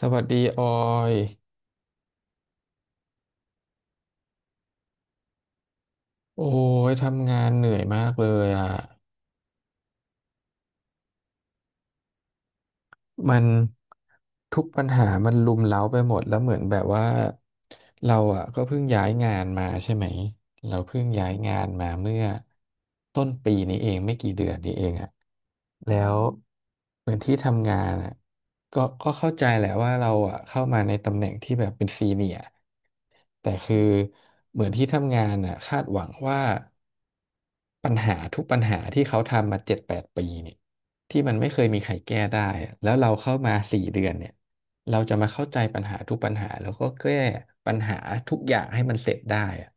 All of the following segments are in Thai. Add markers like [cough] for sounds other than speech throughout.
สวัสดีออยโอ้ยทำงานเหนื่อยมากเลยอ่ะมัน ทุกปัญหามันรุมเร้าไปหมดแล้วเหมือนแบบว่าเราอ่ะก็เพิ่งย้ายงานมาใช่ไหมเราเพิ่งย้ายงานมาเมื่อต้นปีนี้เองไม่กี่เดือนนี้เองอ่ะแล้วเหมือนที่ทำงานอ่ะก็เข้าใจแหละว่าเราอ่ะเข้ามาในตำแหน่งที่แบบเป็นซีเนียร์แต่คือเหมือนที่ทำงานอ่ะคาดหวังว่าปัญหาทุกปัญหาที่เขาทำมาเจ็ดแปดปีเนี่ยที่มันไม่เคยมีใครแก้ได้อะแล้วเราเข้ามาสี่เดือนเนี่ย เราจะมาเข้าใจปัญหาทุกปัญหาแล้วก็แก้ปัญหาทุกอย่างให้มันเสร็จได้อะ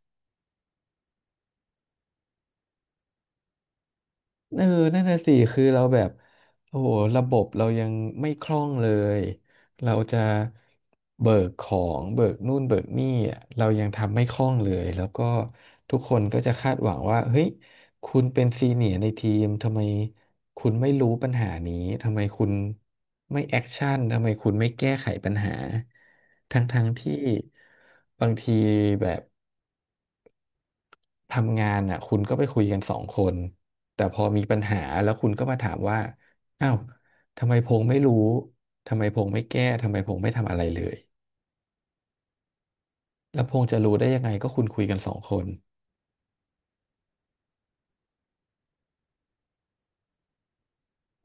เออนั่นน่ะสิคือเราแบบโอ้โหระบบเรายังไม่คล่องเลยเราจะเบิกของเบิกนู่นเบิกนี่อะเรายังทำไม่คล่องเลยแล้วก็ทุกคนก็จะคาดหวังว่าเฮ้ยคุณเป็นซีเนียร์ในทีมทำไมคุณไม่รู้ปัญหานี้ทำไมคุณไม่แอคชั่นทำไมคุณไม่แก้ไขปัญหาทั้งๆที่บางทีแบบ ทำงานอ่ะคุณก็ไปคุยกันสองคนแต่พอมีปัญหาแล้วคุณก็มาถามว่าอ้าวทำไมพงษ์ไม่รู้ทำไมพงษ์ไม่แก้ทำไมพงษ์ไม่ทำอะไรเลยแล้วพงษ์จะรู้ได้ยังไงก็คุณคุยกันสองคน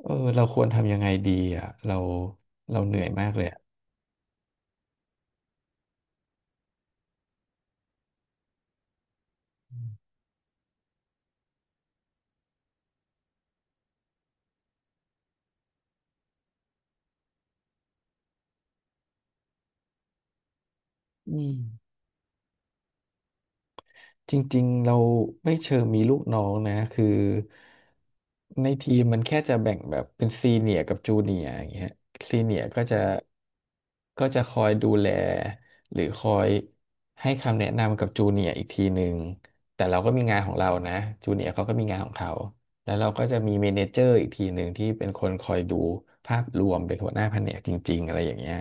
เออเราควรทำยังไงดีอ่ะเราเหนื่อยมากเลยอ่ะอืม จริงๆเราไม่เชิงมีลูกน้องนะคือในทีมมันแค่จะแบ่งแบบเป็นซีเนียร์กับจูเนียร์อย่างเงี้ยซีเนียร์ก็จะคอยดูแลหรือคอยให้คำแนะนำกับจูเนียร์อีกทีหนึ่งแต่เราก็มีงานของเรานะจูเนียร์เขาก็มีงานของเขาแล้วเราก็จะมีเมเนเจอร์อีกทีหนึ่งที่เป็นคนคอยดูภาพรวมเป็นหัวหน้าแผนกจริงๆอะไรอย่างเงี้ย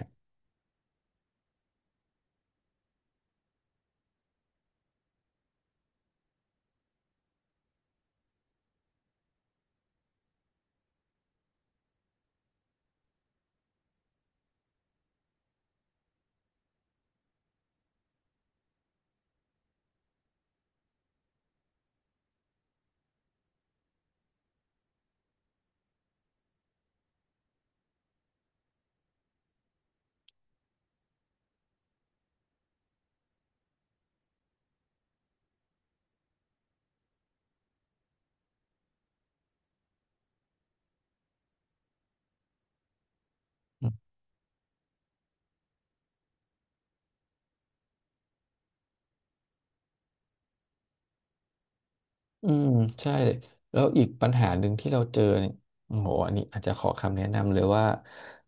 อืมใช่เลยแล้วอีกปัญหาหนึ่งที่เราเจอเนี่ยโอ้โหอันนี้อาจจะขอคำแนะนำเลยว่า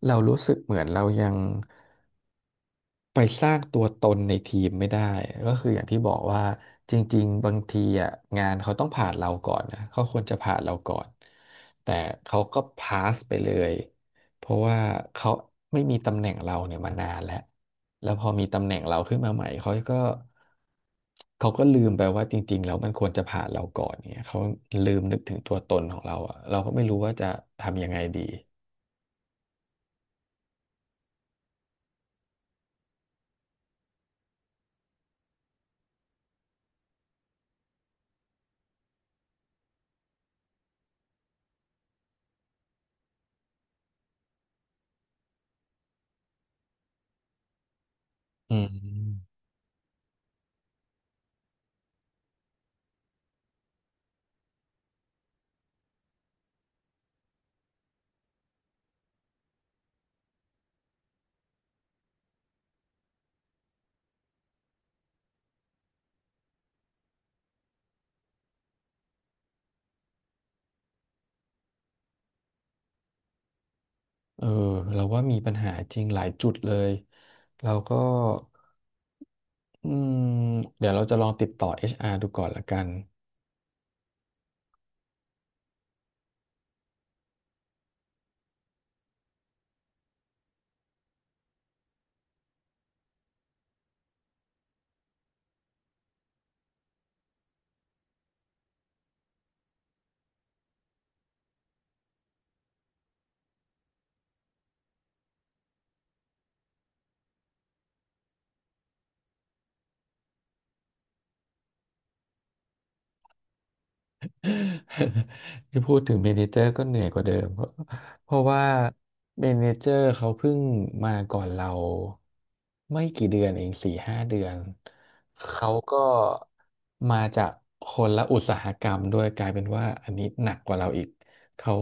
เรารู้สึกเหมือนเรายัง ไปสร้างตัวตนในทีมไม่ได้ก็คืออย่างที่บอกว่าจริงๆบางทีอ่ะงานเขาต้องผ่านเราก่อนนะเขาควรจะผ่านเราก่อนแต่เขาก็พาสไปเลยเพราะว่าเขาไม่มีตำแหน่งเราเนี่ยมานานแล้วแล้วพอมีตำแหน่งเราขึ้นมาใหม่เขาก็ลืมไปว่าจริงๆแล้วมันควรจะผ่านเราก่อนเนี่ยเขาลืมนึกถึงตัวตนของเราอ่ะเราก็ไม่รู้ว่าจะทำยังไงดีอืม เออเราว่ามีปัญหาจริงหลายจุดเลยเราก็อืมเดี๋ยวเราจะลองติดต่อ HR ดูก่อนละกัน [laughs] ที่พูดถึงเมเนเจอร์ก็เหนื่อยกว่าเดิมเพราะว่าเมเนเจอร์เขาเพิ่งมาก่อนเราไม่กี่เดือนเองสี่ห้าเดือนเขาก็มาจากคนละอุตสาหกรรมด้วยกลายเป็นว่าอันนี้หนักกว่าเราอีกเขา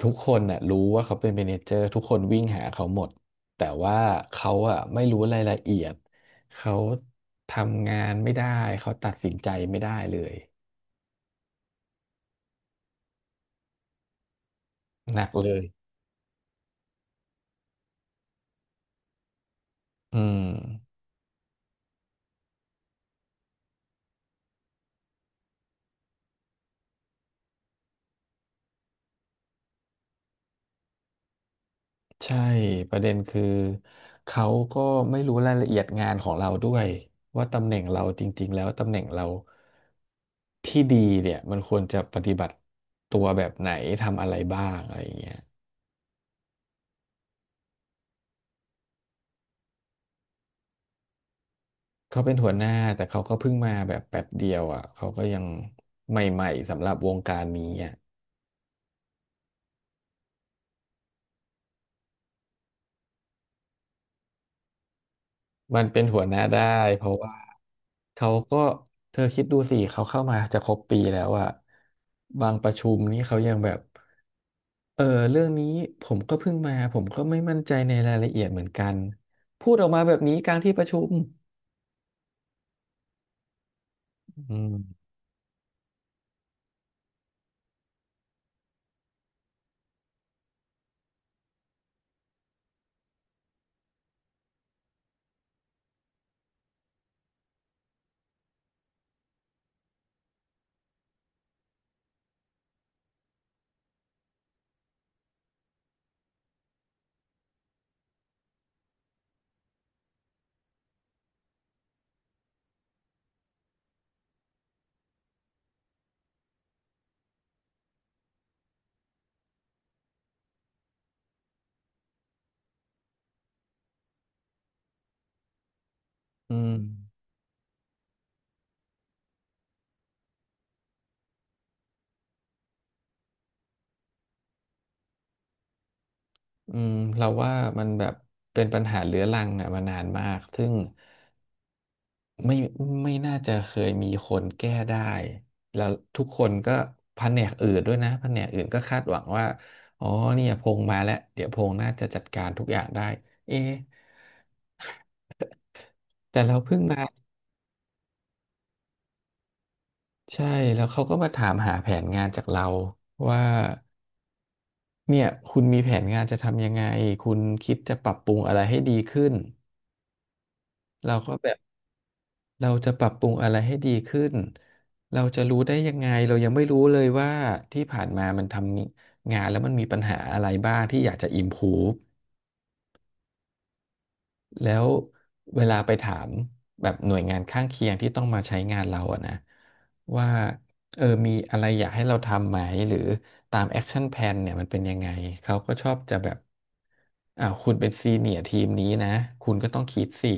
ทุกคนน่ะรู้ว่าเขาเป็นเมเนเจอร์ทุกคนวิ่งหาเขาหมดแต่ว่าเขาอ่ะไม่รู้รายละเอียดเขาทำงานไม่ได้เขาตัดสินใจไม่ได้เลยหนักเลยอืมใช่ประเด็นคือเขาก็ไม่รู้รายละเอียดงานของเราด้วยว่าตำแหน่งเราจริงๆแล้วตำแหน่งเราที่ดีเนี่ยมันควรจะปฏิบัติตัวแบบไหนทำอะไรบ้างอะไรอย่างเงี้ย เขาเป็นหัวหน้าแต่เขาก็เพิ่งมาแบบแป๊บเดียวอ่ะเขาก็ยังใหม่ๆสำหรับวงการนี้อ่ะมันเป็นหัวหน้าได้เพราะว่าเขาก็เธอคิดดูสิเขาเข้ามาจะครบปีแล้วอ่ะบางประชุมนี้เขายังแบบเออเรื่องนี้ผมก็เพิ่งมาผมก็ไม่มั่นใจในรายละเอียดเหมือนกันพูดออกมาแบบนี้กลางที่ประชุมอืมอืมอืมเราว่ามันแบบเป็นปัญหาเรื้อรังอ่ะมานานมากซึ่ง ไม่ไม่น่าจะเคยมีคนแก้ได้แล้วทุกคนก็แผนกอื่นด้วยนะแผนกอื่นก็คาดหวังว่าอ๋อเนี่ยพงมาแล้วเดี๋ยวพงน่าจะจัดการทุกอย่างได้เอ๊ะแต่เราเพิ่งมาใช่แล้วเขาก็มาถามหาแผนงานจากเราว่าเนี่ยคุณมีแผนงานจะทำยังไงคุณคิดจะปรับปรุงอะไรให้ดีขึ้น เราก็แบบเราจะปรับปรุงอะไรให้ดีขึ้นเราจะรู้ได้ยังไงเรายังไม่รู้เลยว่าที่ผ่านมามันทำงานแล้วมันมีปัญหาอะไรบ้างที่อยากจะ improve แล้วเวลาไปถามแบบหน่วยงานข้างเคียงที่ต้องมาใช้งานเราอะนะว่าเออมีอะไรอยากให้เราทำไหมหรือตาม Action Plan เนี่ยมันเป็นยังไงเขาก็ชอบจะแบบอ่าวคุณเป็นซีเนียร์ทีมนี้นะคุณก็ต้องคิดสิ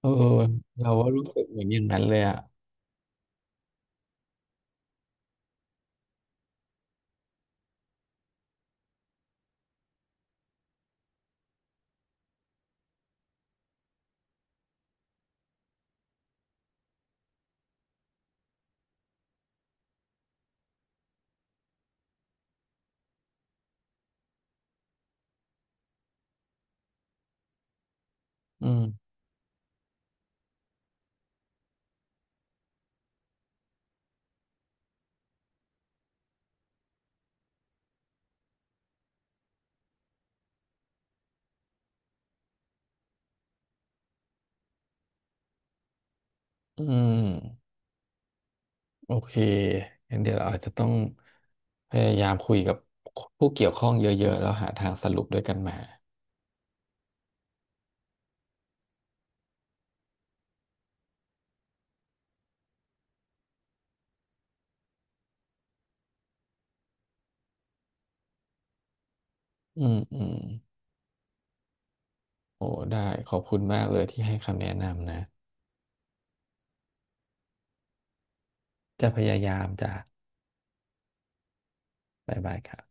เออเราก็รู้สึกเหมือนอย่างนั้นเลยอ่ะอืมอืมโอเคงั้นเดี๋ยวเราอาจจะต้องพยายามคุยกับผู้เกี่ยวข้องเยอะๆแล้วหาทางสรุปด้วยกันมาอืมโอ้ได้ขอบคุณมากเลยที่ให้คำแนะนำนะจะพยายามจะบ๊ายบายครับ